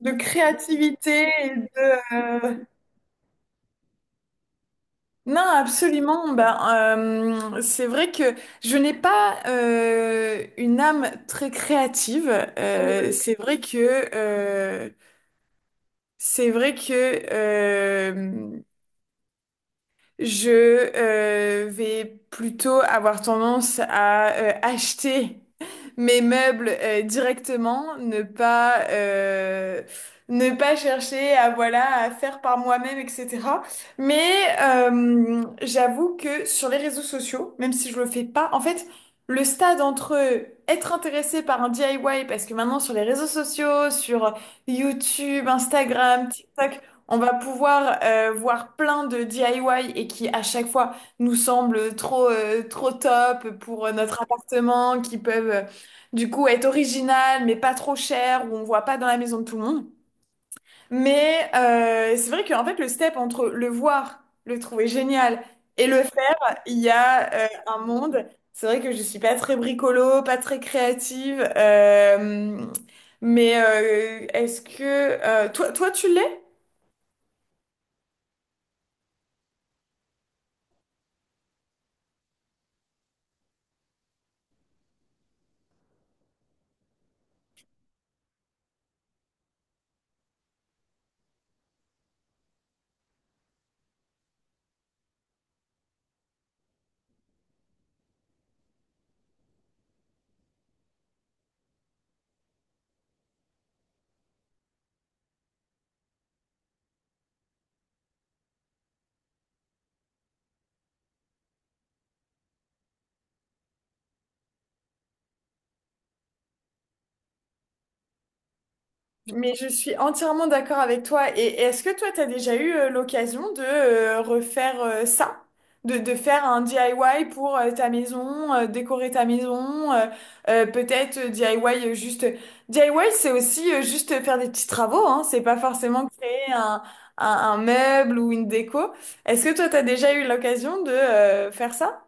De créativité et de... euh, Non, absolument. Ben, c'est vrai que je n'ai pas une âme très créative. Euh, c'est vrai que euh, c'est vrai que je vais plutôt avoir tendance à acheter mes meubles directement, ne pas chercher à voilà à faire par moi-même, etc. Mais j'avoue que sur les réseaux sociaux, même si je le fais pas, en fait, le stade entre être intéressé par un DIY, parce que maintenant sur les réseaux sociaux, sur YouTube, Instagram, TikTok, on va pouvoir voir plein de DIY et qui à chaque fois nous semblent trop top pour notre appartement, qui peuvent du coup être originales mais pas trop chères, où on voit pas dans la maison de tout le monde. Mais c'est vrai qu'en fait le step entre le voir, le trouver génial et le faire, il y a un monde. C'est vrai que je suis pas très bricolo, pas très créative, mais est-ce que toi tu l'es? Mais je suis entièrement d'accord avec toi. Et est-ce que toi, tu as déjà eu l'occasion de refaire ça? De faire un DIY pour ta maison, décorer ta maison, peut-être DIY juste... DIY, c'est aussi juste faire des petits travaux, hein. C'est pas forcément créer un meuble ou une déco. Est-ce que toi, tu as déjà eu l'occasion de faire ça?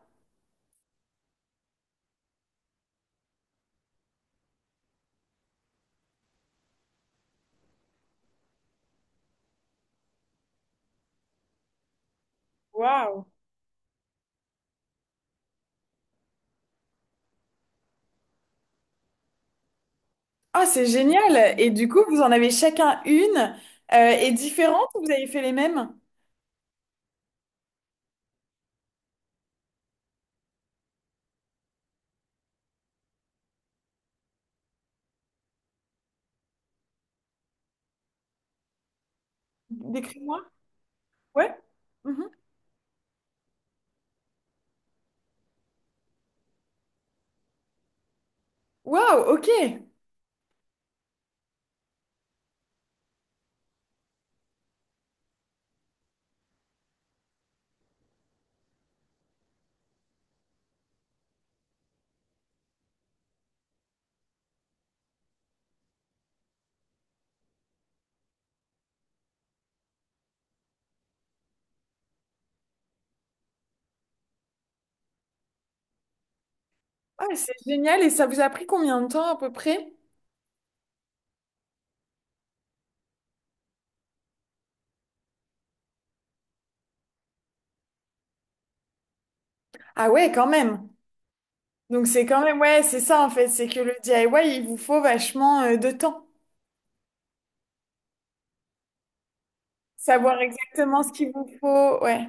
Waouh! Ah, c'est génial! Et du coup, vous en avez chacun une et différente, ou vous avez fait les mêmes? Décris-moi. Ouais. Mhm. Waouh, ok. Ah, c'est génial. Et ça vous a pris combien de temps à peu près? Ah ouais, quand même. Donc c'est quand même, ouais, c'est ça en fait, c'est que le DIY, il vous faut vachement de temps. Savoir exactement ce qu'il vous faut, ouais.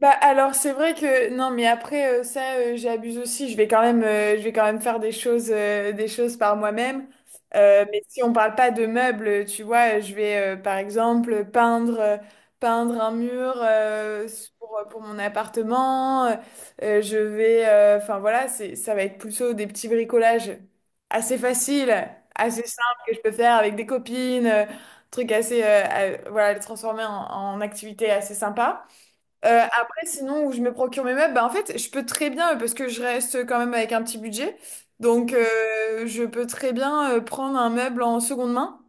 Bah alors c'est vrai que non, mais après ça j'abuse aussi, je vais quand même faire des choses par moi-même. Mais si on parle pas de meubles, tu vois, je vais par exemple peindre un mur pour mon appartement. Je vais enfin voilà c'est ça va être plutôt des petits bricolages assez faciles, assez simples, que je peux faire avec des copines, trucs assez voilà les transformer en activité assez sympa, après, sinon, où je me procure mes meubles, bah, en fait, je peux très bien, parce que je reste quand même avec un petit budget, donc je peux très bien prendre un meuble en seconde main,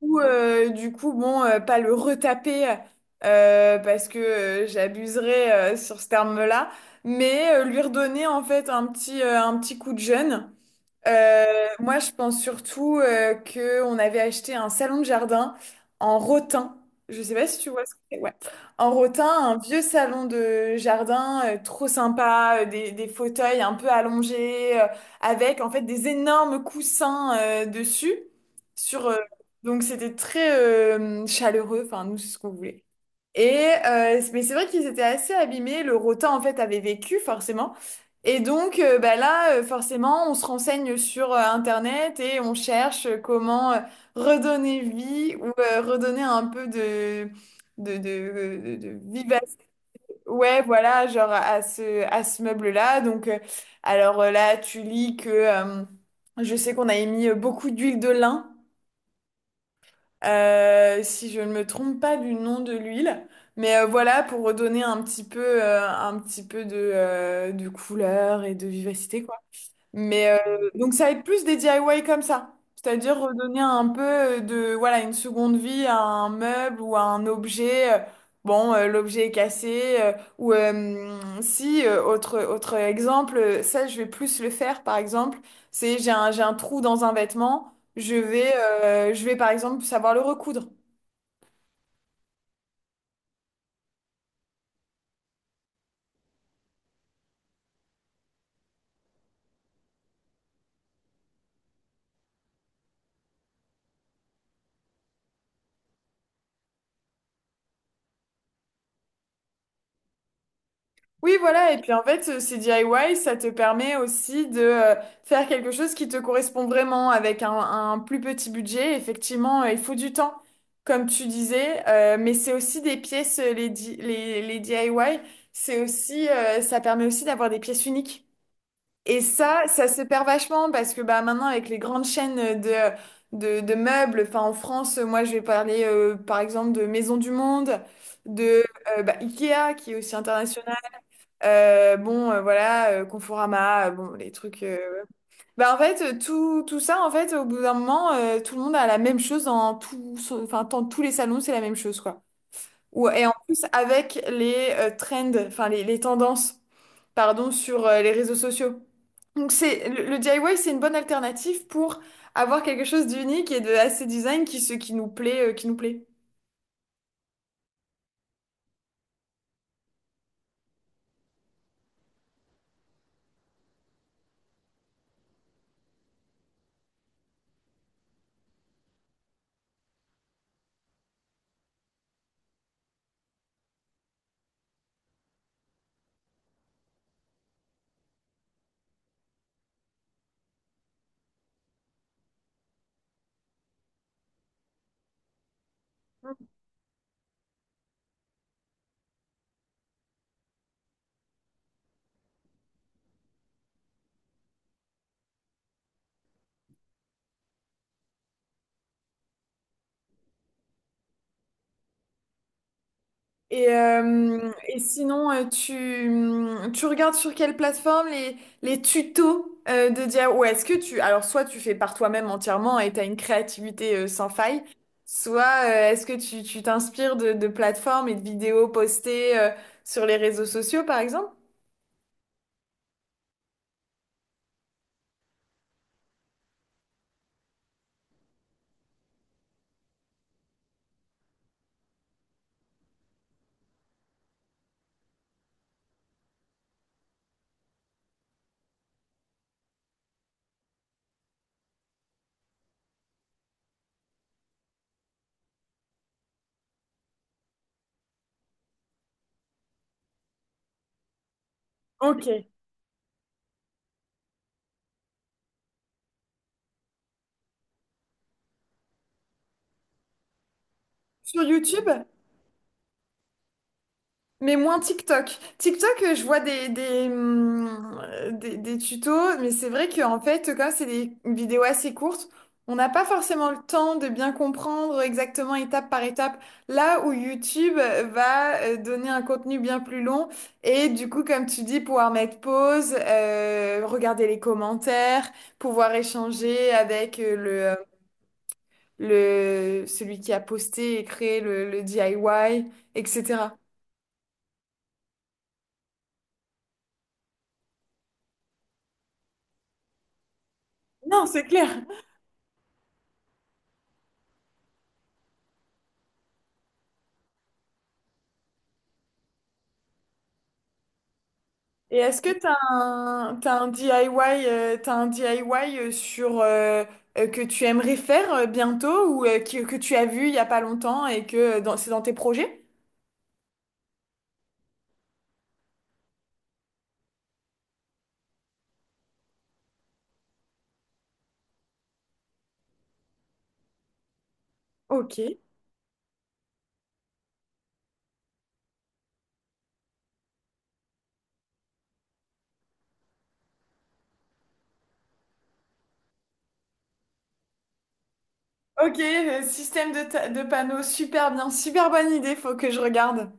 ou du coup, bon, pas le retaper, parce que j'abuserais sur ce terme-là, mais lui redonner en fait un petit coup de jeune. Moi, je pense surtout que on avait acheté un salon de jardin en rotin. Je sais pas si tu vois ce que c'est. Ouais. En rotin, un vieux salon de jardin trop sympa, des fauteuils un peu allongés, avec en fait des énormes coussins dessus. Sur, euh, donc c'était très chaleureux. Enfin, nous, c'est ce qu'on voulait. Et mais c'est vrai qu'ils étaient assez abîmés. Le rotin en fait avait vécu forcément. Et donc bah là forcément on se renseigne sur Internet et on cherche comment redonner vie ou redonner un peu de de vivacité. Ouais voilà, genre, à ce meuble-là. Donc alors là tu lis que je sais qu'on avait mis beaucoup d'huile de lin si je ne me trompe pas du nom de l'huile. Mais voilà, pour redonner un petit peu de couleur et de vivacité, quoi. Mais donc ça va être plus des DIY comme ça, c'est-à-dire redonner un peu de voilà une seconde vie à un meuble ou à un objet. Bon, l'objet est cassé, ou si autre exemple, ça je vais plus le faire par exemple, c'est j'ai un trou dans un vêtement, je vais par exemple savoir le recoudre. Oui, voilà. Et puis en fait, ces DIY, ça te permet aussi de faire quelque chose qui te correspond vraiment avec un plus petit budget. Effectivement, il faut du temps, comme tu disais. Mais c'est aussi des pièces, les DIY, c'est aussi, ça permet aussi d'avoir des pièces uniques. Et ça se perd vachement parce que bah, maintenant, avec les grandes chaînes de meubles, enfin en France, moi, je vais parler par exemple de Maison du Monde, de bah, Ikea, qui est aussi international, bon, voilà, Conforama, bon, les trucs. Bah, en fait, tout ça, en fait, au bout d'un moment, tout le monde a la même chose dans tout, enfin, dans tous les salons, c'est la même chose, quoi. Ou, et en plus, avec les trends, enfin, les tendances, pardon, sur les réseaux sociaux. Donc, le DIY, c'est une bonne alternative pour avoir quelque chose d'unique et de assez design qui nous plaît. Et sinon, tu regardes sur quelle plateforme les tutos de dire ou est-ce que tu... Alors, soit tu fais par toi-même entièrement et tu as une créativité sans faille, soit est-ce que tu t'inspires de plateformes et de vidéos postées sur les réseaux sociaux, par exemple? Ok. Sur YouTube? Mais moins TikTok. TikTok, je vois des tutos, mais c'est vrai qu'en fait, comme c'est des vidéos assez courtes, on n'a pas forcément le temps de bien comprendre exactement étape par étape, là où YouTube va donner un contenu bien plus long, et du coup, comme tu dis, pouvoir mettre pause, regarder les commentaires, pouvoir échanger avec le, celui qui a posté et créé le DIY, etc. Non, c'est clair. Et est-ce que t'as un DIY, que tu aimerais faire bientôt, ou que tu as vu il y a pas longtemps et que c'est dans tes projets? Ok. Ok, système de, de panneaux, super bien, super bonne idée, faut que je regarde.